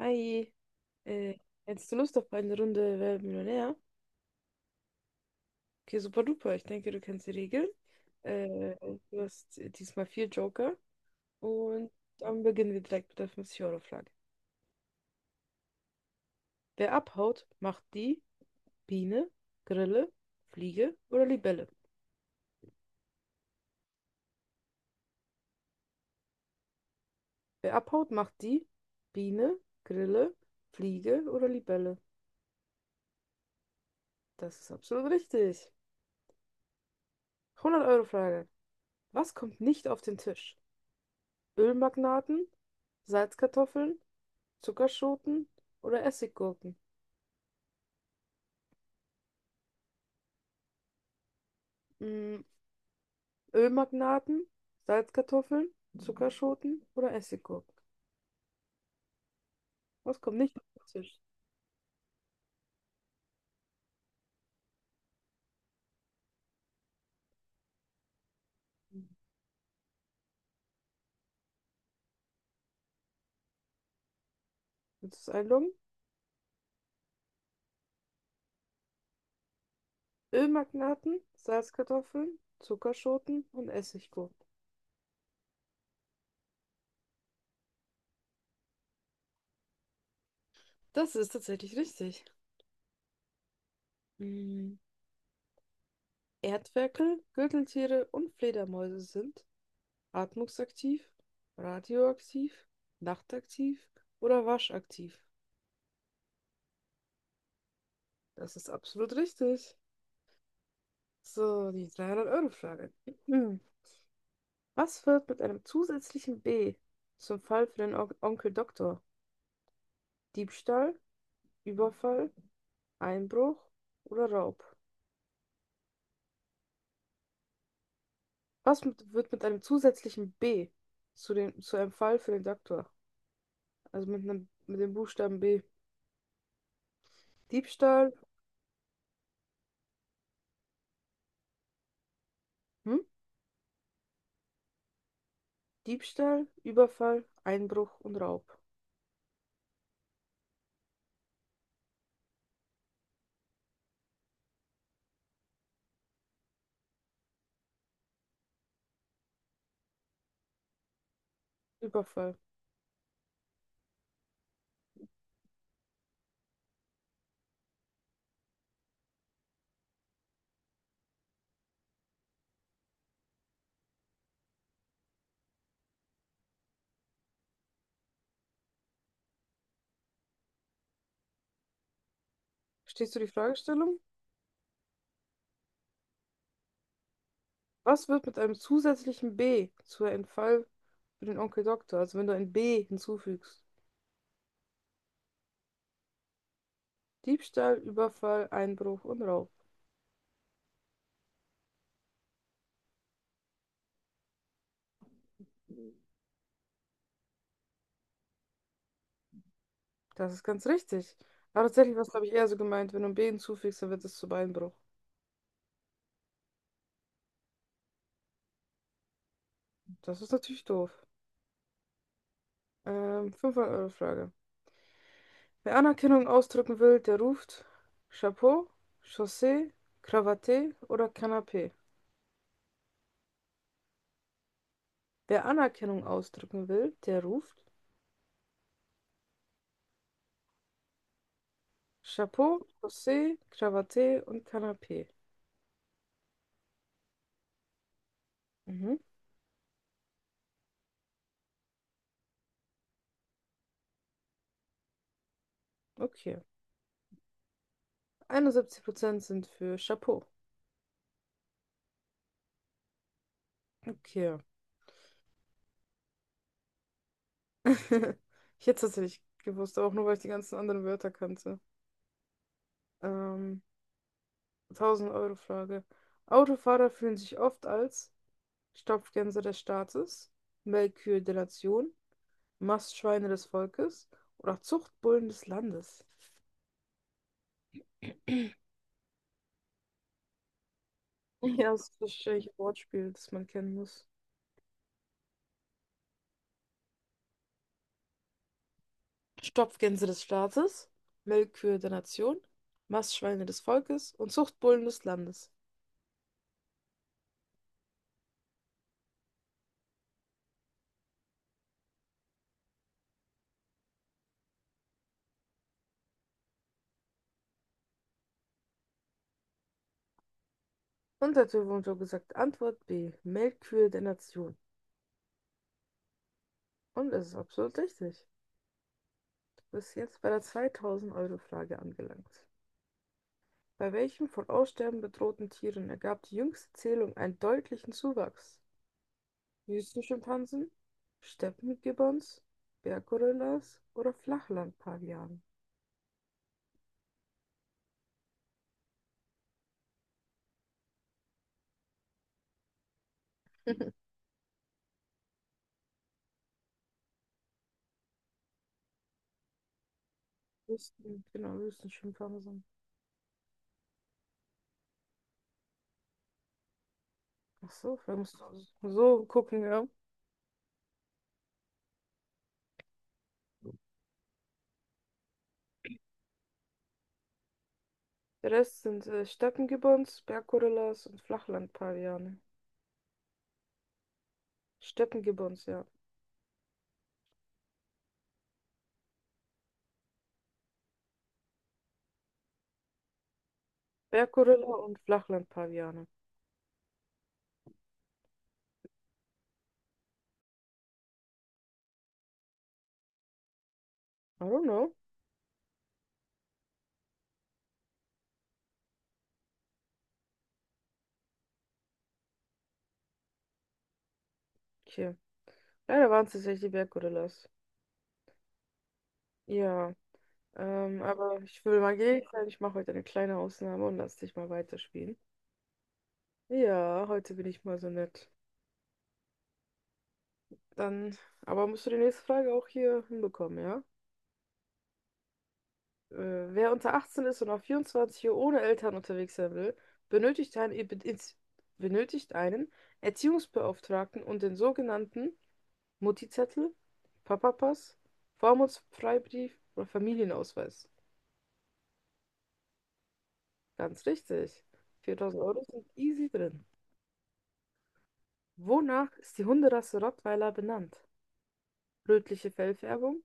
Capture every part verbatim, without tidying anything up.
Hi, äh, hättest du Lust auf eine Runde Wer wird Millionär? Okay, super duper. Ich denke, du kennst die Regeln. Äh, Du hast diesmal vier Joker. Und dann beginnen wir direkt mit der fünfzig Euro Frage. Wer abhaut, macht die Biene, Grille, Fliege oder Libelle? Wer abhaut, macht die Biene, Grille, Fliege oder Libelle? Das ist absolut richtig. Hundert Euro Frage. Was kommt nicht auf den Tisch? Ölmagnaten, Salzkartoffeln, Zuckerschoten oder Essiggurken? Mm, Ölmagnaten, Salzkartoffeln, Zuckerschoten oder Essiggurken? Was kommt nicht auf den Tisch? Willst du es einloggen? Ölmagnaten, Salzkartoffeln, Zuckerschoten und Essiggurken. Das ist tatsächlich richtig. Mm, Erdferkel, Gürteltiere und Fledermäuse sind atmungsaktiv, radioaktiv, nachtaktiv oder waschaktiv? Das ist absolut richtig. So, die dreihundert-Euro-Frage. Was wird mit einem zusätzlichen B zum Fall für den On Onkel Doktor? Diebstahl, Überfall, Einbruch oder Raub? Was mit, wird mit einem zusätzlichen B zu, den, zu einem Fall für den Doktor? Also mit einem, mit dem Buchstaben B. Diebstahl, hm? Diebstahl, Überfall, Einbruch und Raub. Überfall. Verstehst du die Fragestellung? Was wird mit einem zusätzlichen B zu einem Fall für den Onkel Doktor? Also wenn du ein B hinzufügst. Diebstahl, Überfall, Einbruch und Raub. Das ist ganz richtig. Aber tatsächlich war es, glaube ich, eher so gemeint: wenn du ein B hinzufügst, dann wird es zu Beinbruch. Das ist natürlich doof. Ähm, fünfhundert-Euro-Frage. Wer Anerkennung ausdrücken will, der ruft Chapeau, Chaussee, Krawatte oder Canapé? Wer Anerkennung ausdrücken will, der ruft Chapeau, Chaussee, Krawatte und Canapé? Mhm, okay. einundsiebzig Prozent sind für Chapeau. Okay. Ich hätte es tatsächlich gewusst, aber auch nur, weil ich die ganzen anderen Wörter kannte. Ähm, tausend-Euro-Frage. Autofahrer fühlen sich oft als Stopfgänse des Staates, Melkkühe der Nation, Mastschweine des Volkes oder Zuchtbullen des Landes. Ja, das ist wahrscheinlich ein Wortspiel, das man kennen muss. Stopfgänse des Staates, Melkkühe der Nation, Mastschweine des Volkes und Zuchtbullen des Landes. Und der Typ wurde gesagt, Antwort B, Melkkühe der Nation. Und es ist absolut richtig. Du bist jetzt bei der zweitausend-Euro-Frage angelangt. Bei welchen von Aussterben bedrohten Tieren ergab die jüngste Zählung einen deutlichen Zuwachs? Wüstenschimpansen, Steppengibbons, Berggorillas oder Flachlandpavianen? Wüsten, genau, Wüstenschimpansen. Ach so, wir müssen so gucken, ja. Der Rest sind äh, Steppengibbons, Berggorillas und Flachlandpaviane. Steppengibbons, ja. Berggorilla und Flachlandpaviane. I don't know. Okay. Leider waren es tatsächlich die Berggorillas. Ja. Ähm, aber ich will mal gnädig sein. Ich mache heute eine kleine Ausnahme und lass dich mal weiterspielen. Ja, heute bin ich mal so nett. Dann, aber musst du die nächste Frage auch hier hinbekommen, ja? Äh, wer unter achtzehn ist und auf vierundzwanzig Uhr ohne Eltern unterwegs sein will, benötigt einen, Ebe- ins- benötigt einen Erziehungsbeauftragten und den sogenannten Mutti-Zettel, Papapass, Vormundsfreibrief oder Familienausweis? Ganz richtig. viertausend Euro sind easy drin. Wonach ist die Hunderasse Rottweiler benannt? Rötliche Fellfärbung,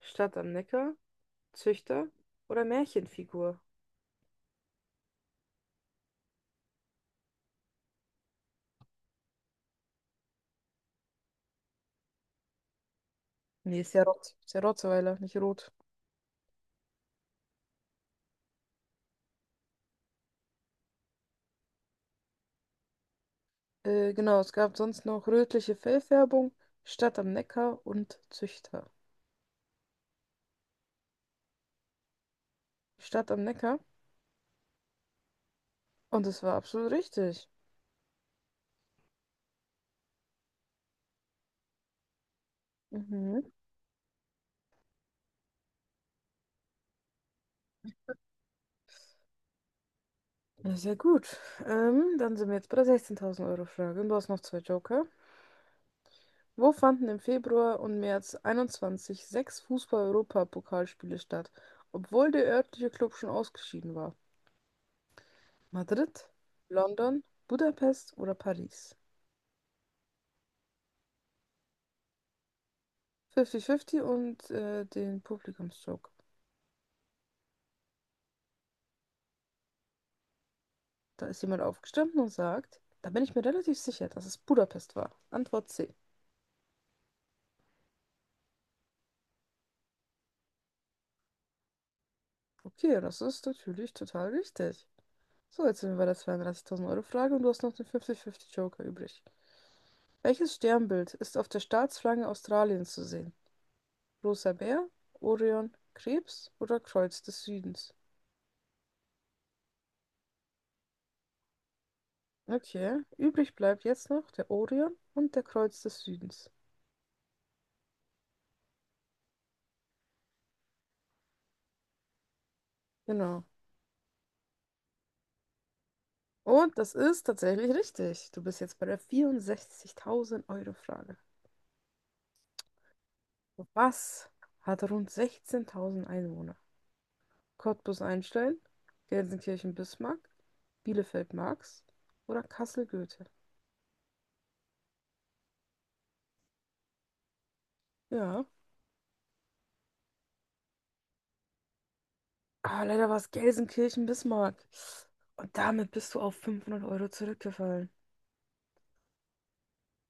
Stadt am Neckar, Züchter oder Märchenfigur? Nee, ist ja Rott. Ist ja Rottweiler, nicht rot. Äh, genau, es gab sonst noch rötliche Fellfärbung, Stadt am Neckar und Züchter. Stadt am Neckar. Und es war absolut richtig. Mhm. Ja, sehr gut. Ähm, dann sind wir jetzt bei der sechzehntausend Euro Frage. Und du hast noch zwei Joker. Wo fanden im Februar und März einundzwanzig sechs Fußball-Europapokalspiele statt, obwohl der örtliche Klub schon ausgeschieden war? Madrid, London, Budapest oder Paris? fünfzig fünfzig und äh, den Publikumsjoke. Da ist jemand aufgestanden und sagt, da bin ich mir relativ sicher, dass es Budapest war. Antwort C. Okay, das ist natürlich total richtig. So, jetzt sind wir bei der zweiunddreißigtausend Euro Frage und du hast noch den fünfzig fünfzig Joker übrig. Welches Sternbild ist auf der Staatsflagge Australiens zu sehen? Großer Bär, Orion, Krebs oder Kreuz des Südens? Okay, übrig bleibt jetzt noch der Orion und der Kreuz des Südens. Genau. Und das ist tatsächlich richtig. Du bist jetzt bei der vierundsechzigtausend Euro Frage. Was hat rund sechzehntausend Einwohner? Cottbus Einstein, Gelsenkirchen Bismarck, Bielefeld Marx oder Kassel Goethe? Ja. Aber leider war es Gelsenkirchen Bismarck. Und damit bist du auf fünfhundert Euro zurückgefallen.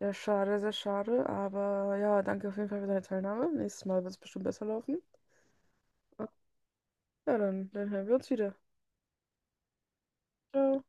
Ja, schade, sehr schade. Aber ja, danke auf jeden Fall für deine Teilnahme. Nächstes Mal wird es bestimmt besser laufen. Ja, dann, dann hören wir uns wieder. Ciao.